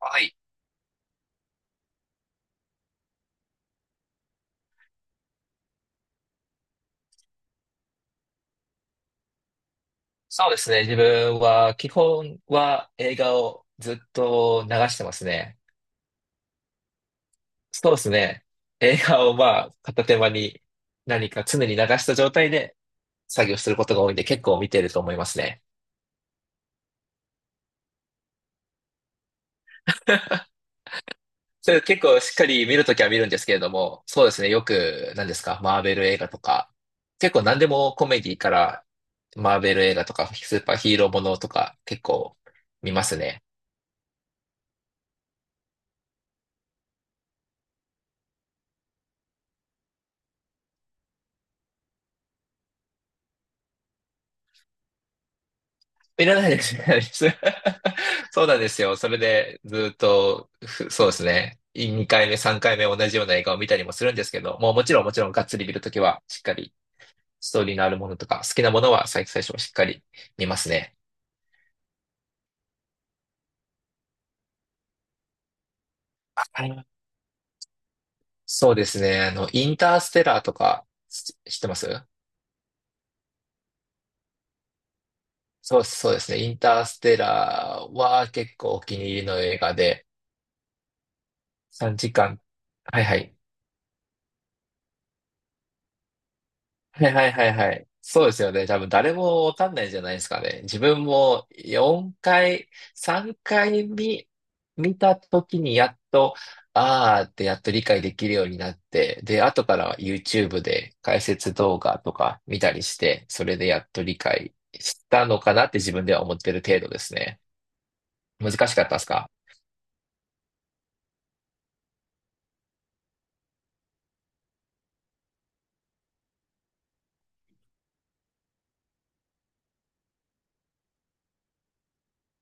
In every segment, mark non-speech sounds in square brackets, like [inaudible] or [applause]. はい。そうですね。自分は、基本は映画をずっと流してますね。そうですね。映画をまあ、片手間に何か常に流した状態で作業することが多いんで、結構見てると思いますね。それ結構しっかり見るときは見るんですけれども、そうですね。よく、何ですか、マーベル映画とか、結構何でもコメディから、マーベル映画とか、スーパーヒーローものとか、結構見ますね。いらないです、いらないです。[laughs] そうなんですよ。それで、ずっと、そうですね。2回目、3回目同じような映画を見たりもするんですけど、もうもちろんがっつり見るときは、しっかりストーリーのあるものとか、好きなものは最初はしっかり見ますね。はい、そうですね。あの、インターステラーとか、知ってます？そうそうですね。インターステラーは結構お気に入りの映画で、3時間。はいはい。はいはいはいはい。そうですよね。多分誰もわかんないじゃないですかね。自分も4回、3回見た時にやっと、あーってやっと理解できるようになって、で、後から YouTube で解説動画とか見たりして、それでやっと理解したのかなって自分では思ってる程度ですね。難しかったですか？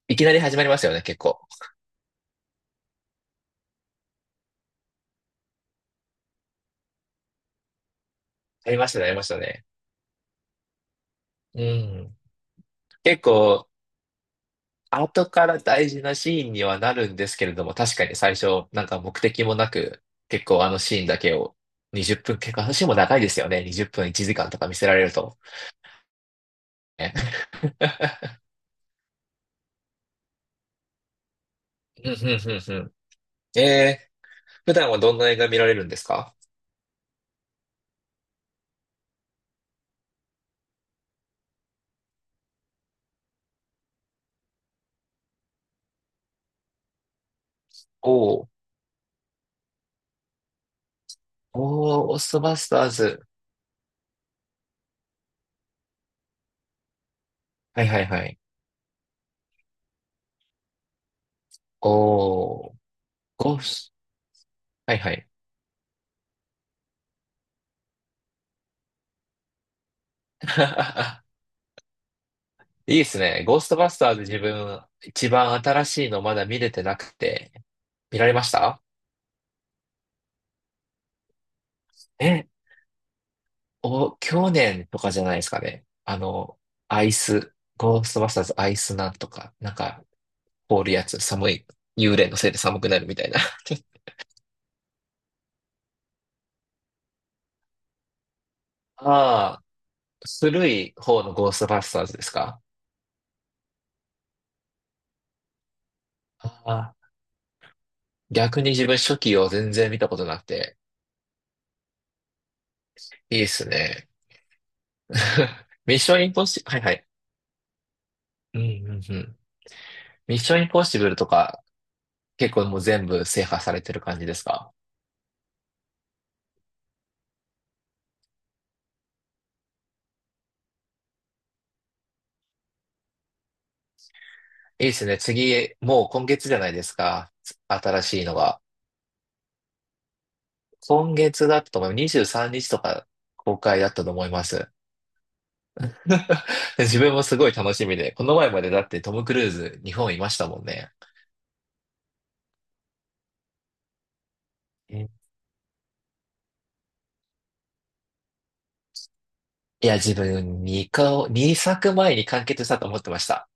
いきなり始まりますよね、結構。ありましたね、ありましたね。うん。結構、後から大事なシーンにはなるんですけれども、確かに最初、なんか目的もなく、結構あのシーンだけを20分、結構あのシーンも長いですよね。20分1時間とか見せられると。ね。 [laughs] うんうんうんうん。えー、普段はどんな映画見られるんですか？おー、おー、オーストバスターズ。はいはいはい。おー、ゴース、はいはい。[laughs] いいですね。ゴーストバスターズ自分、一番新しいのまだ見れてなくて、見られました？えお、去年とかじゃないですかね。あの、アイス、ゴーストバスターズアイスなんとか、なんか、凍るやつ、寒い、幽霊のせいで寒くなるみたいな。[laughs] ああ、古い方のゴーストバスターズですか？ああ、逆に自分初期を全然見たことなくて、いいですね。[laughs] ミッションインポッシブル、はいはい。うんうんうん。ミッションインポッシブルとか、結構もう全部制覇されてる感じですか？いいですね。次、もう今月じゃないですか。新しいのが。今月だったと思います。23日とか公開だったと思います。[laughs] 自分もすごい楽しみで、この前までだってトム・クルーズ日本いましたもんね。え、いや、自分2作前に完結したと思ってました。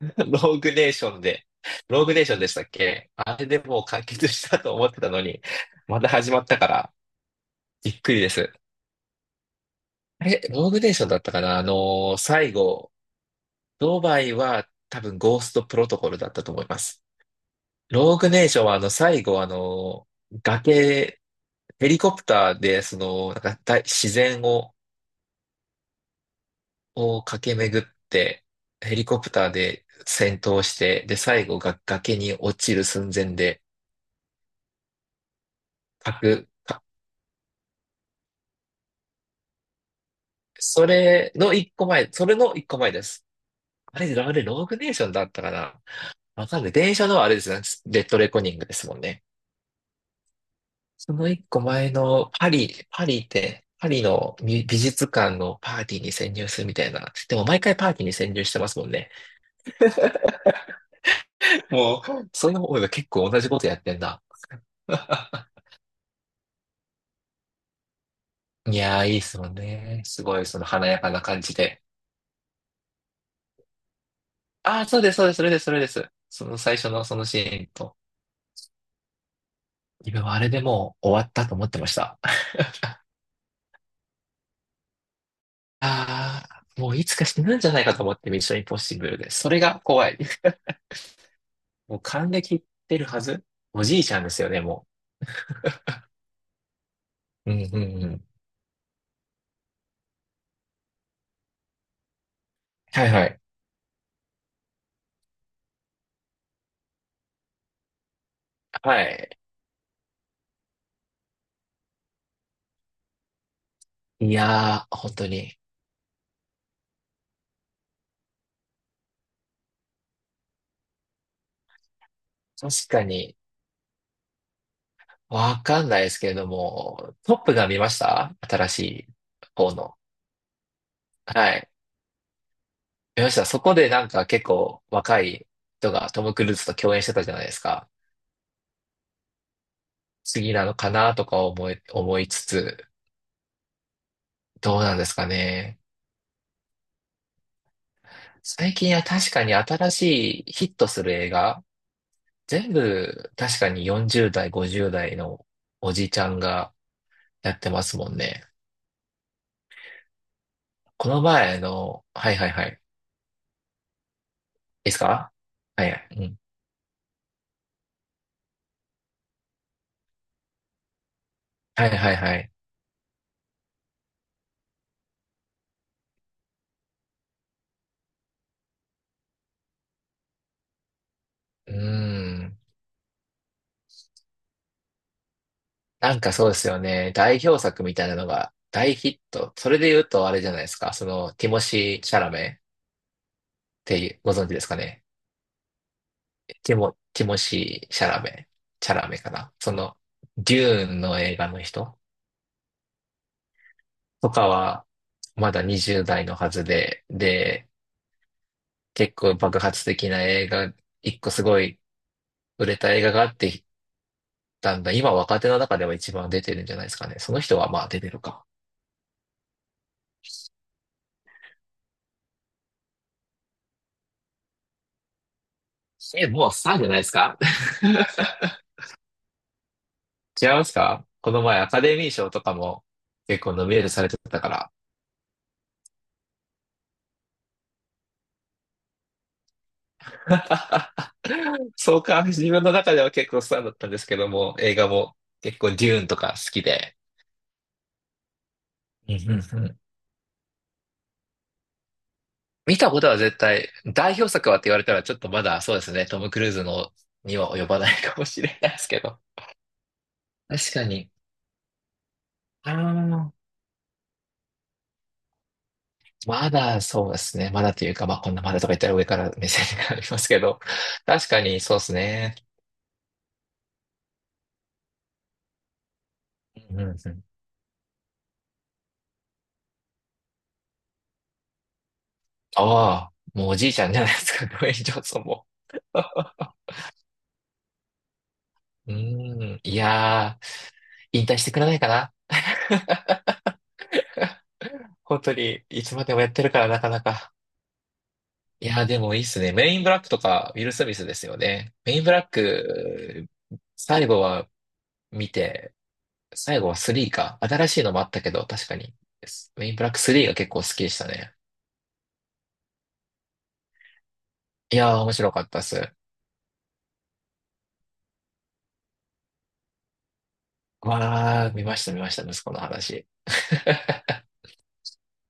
[laughs] ローグネーションで、ローグネーションでしたっけ？あれでもう完結したと思ってたのに、また始まったからびっくりです。え、ローグネーションだったかな、あのー最後、ドバイは多分ゴーストプロトコルだったと思います。ローグネーションはあの最後あの崖、ヘリコプターでそのなんか大自然を、を駆け巡ってヘリコプターで戦闘して、で最後が崖に落ちる寸前で核、かそれの一個前、それの一個前です。あれ、あれローグネーションだったかな、わかんない。電車のあれですね。レッドレコニングですもんね。その一個前のパリの美術館のパーティーに潜入するみたいな。でも毎回パーティーに潜入してますもんね。もう、そういう方が結構同じことやってんだ。[laughs] いやー、いいっすもんね。すごい、その華やかな感じで。ああ、そうです、そうです、それです、それです。その最初のそのシーンと。自分はあれでもう終わったと思ってました。ああ、もういつか死ぬんじゃないかと思ってミッションインポッシブルで。それが怖い。もう還暦いってるはず。おじいちゃんですよね、もう。うん、うん、うん。はいはい。はい。いやー、本当に。確かに、わかんないですけれども、トップが見ました、新しい方の。はい。見ました。そこでなんか結構若い人がトム・クルーズと共演してたじゃないですか。次なのかなとか思いつつ、どうなんですかね。最近は確かに新しいヒットする映画、全部確かに40代、50代のおじちゃんがやってますもんね。この前の、はいはいはい。いいですか？はいはい。うん。はいはいはい。うーん。なんかそうですよね。代表作みたいなのが大ヒット。それで言うとあれじゃないですか。その、ティモシー・シャラメっていう、ご存知ですかね。ティモシー・シャラメ。シャラメかな。その、デューンの映画の人とかは、まだ20代のはずで、で、結構爆発的な映画、一個すごい売れた映画があって、だんだん今若手の中では一番出てるんじゃないですかね。その人はまあ出てるか。え、もうスターじゃないですか。 [laughs] 違いますか？この前アカデミー賞とかも結構ノミネートされてたから。[laughs] そうか、自分の中では結構スターだったんですけども、映画も結構デューンとか好きで。うんうんうん。見たことは絶対、代表作はって言われたらちょっとまだそうですね、トム・クルーズのには及ばないかもしれないですけど。確かに。あー、まだそうですね。まだというか、まあこんなまだとか言ったら上から目線がありますけど、確かにそうですね。うんうんうん、ああ、もうおじいちゃんじゃないですか、ドウェイン・ジョンソンも。うーん、いやー、引退してくれないかな。本当に、いつまでもやってるからなかなか。いやー、でもいいっすね。メインブラックとか、ウィル・スミスですよね。メインブラック、最後は見て、最後は3か。新しいのもあったけど、確かに。メインブラック3が結構好きでしたね。いやー、面白かったっす。わー、見ました、見ました、息子の話。[laughs]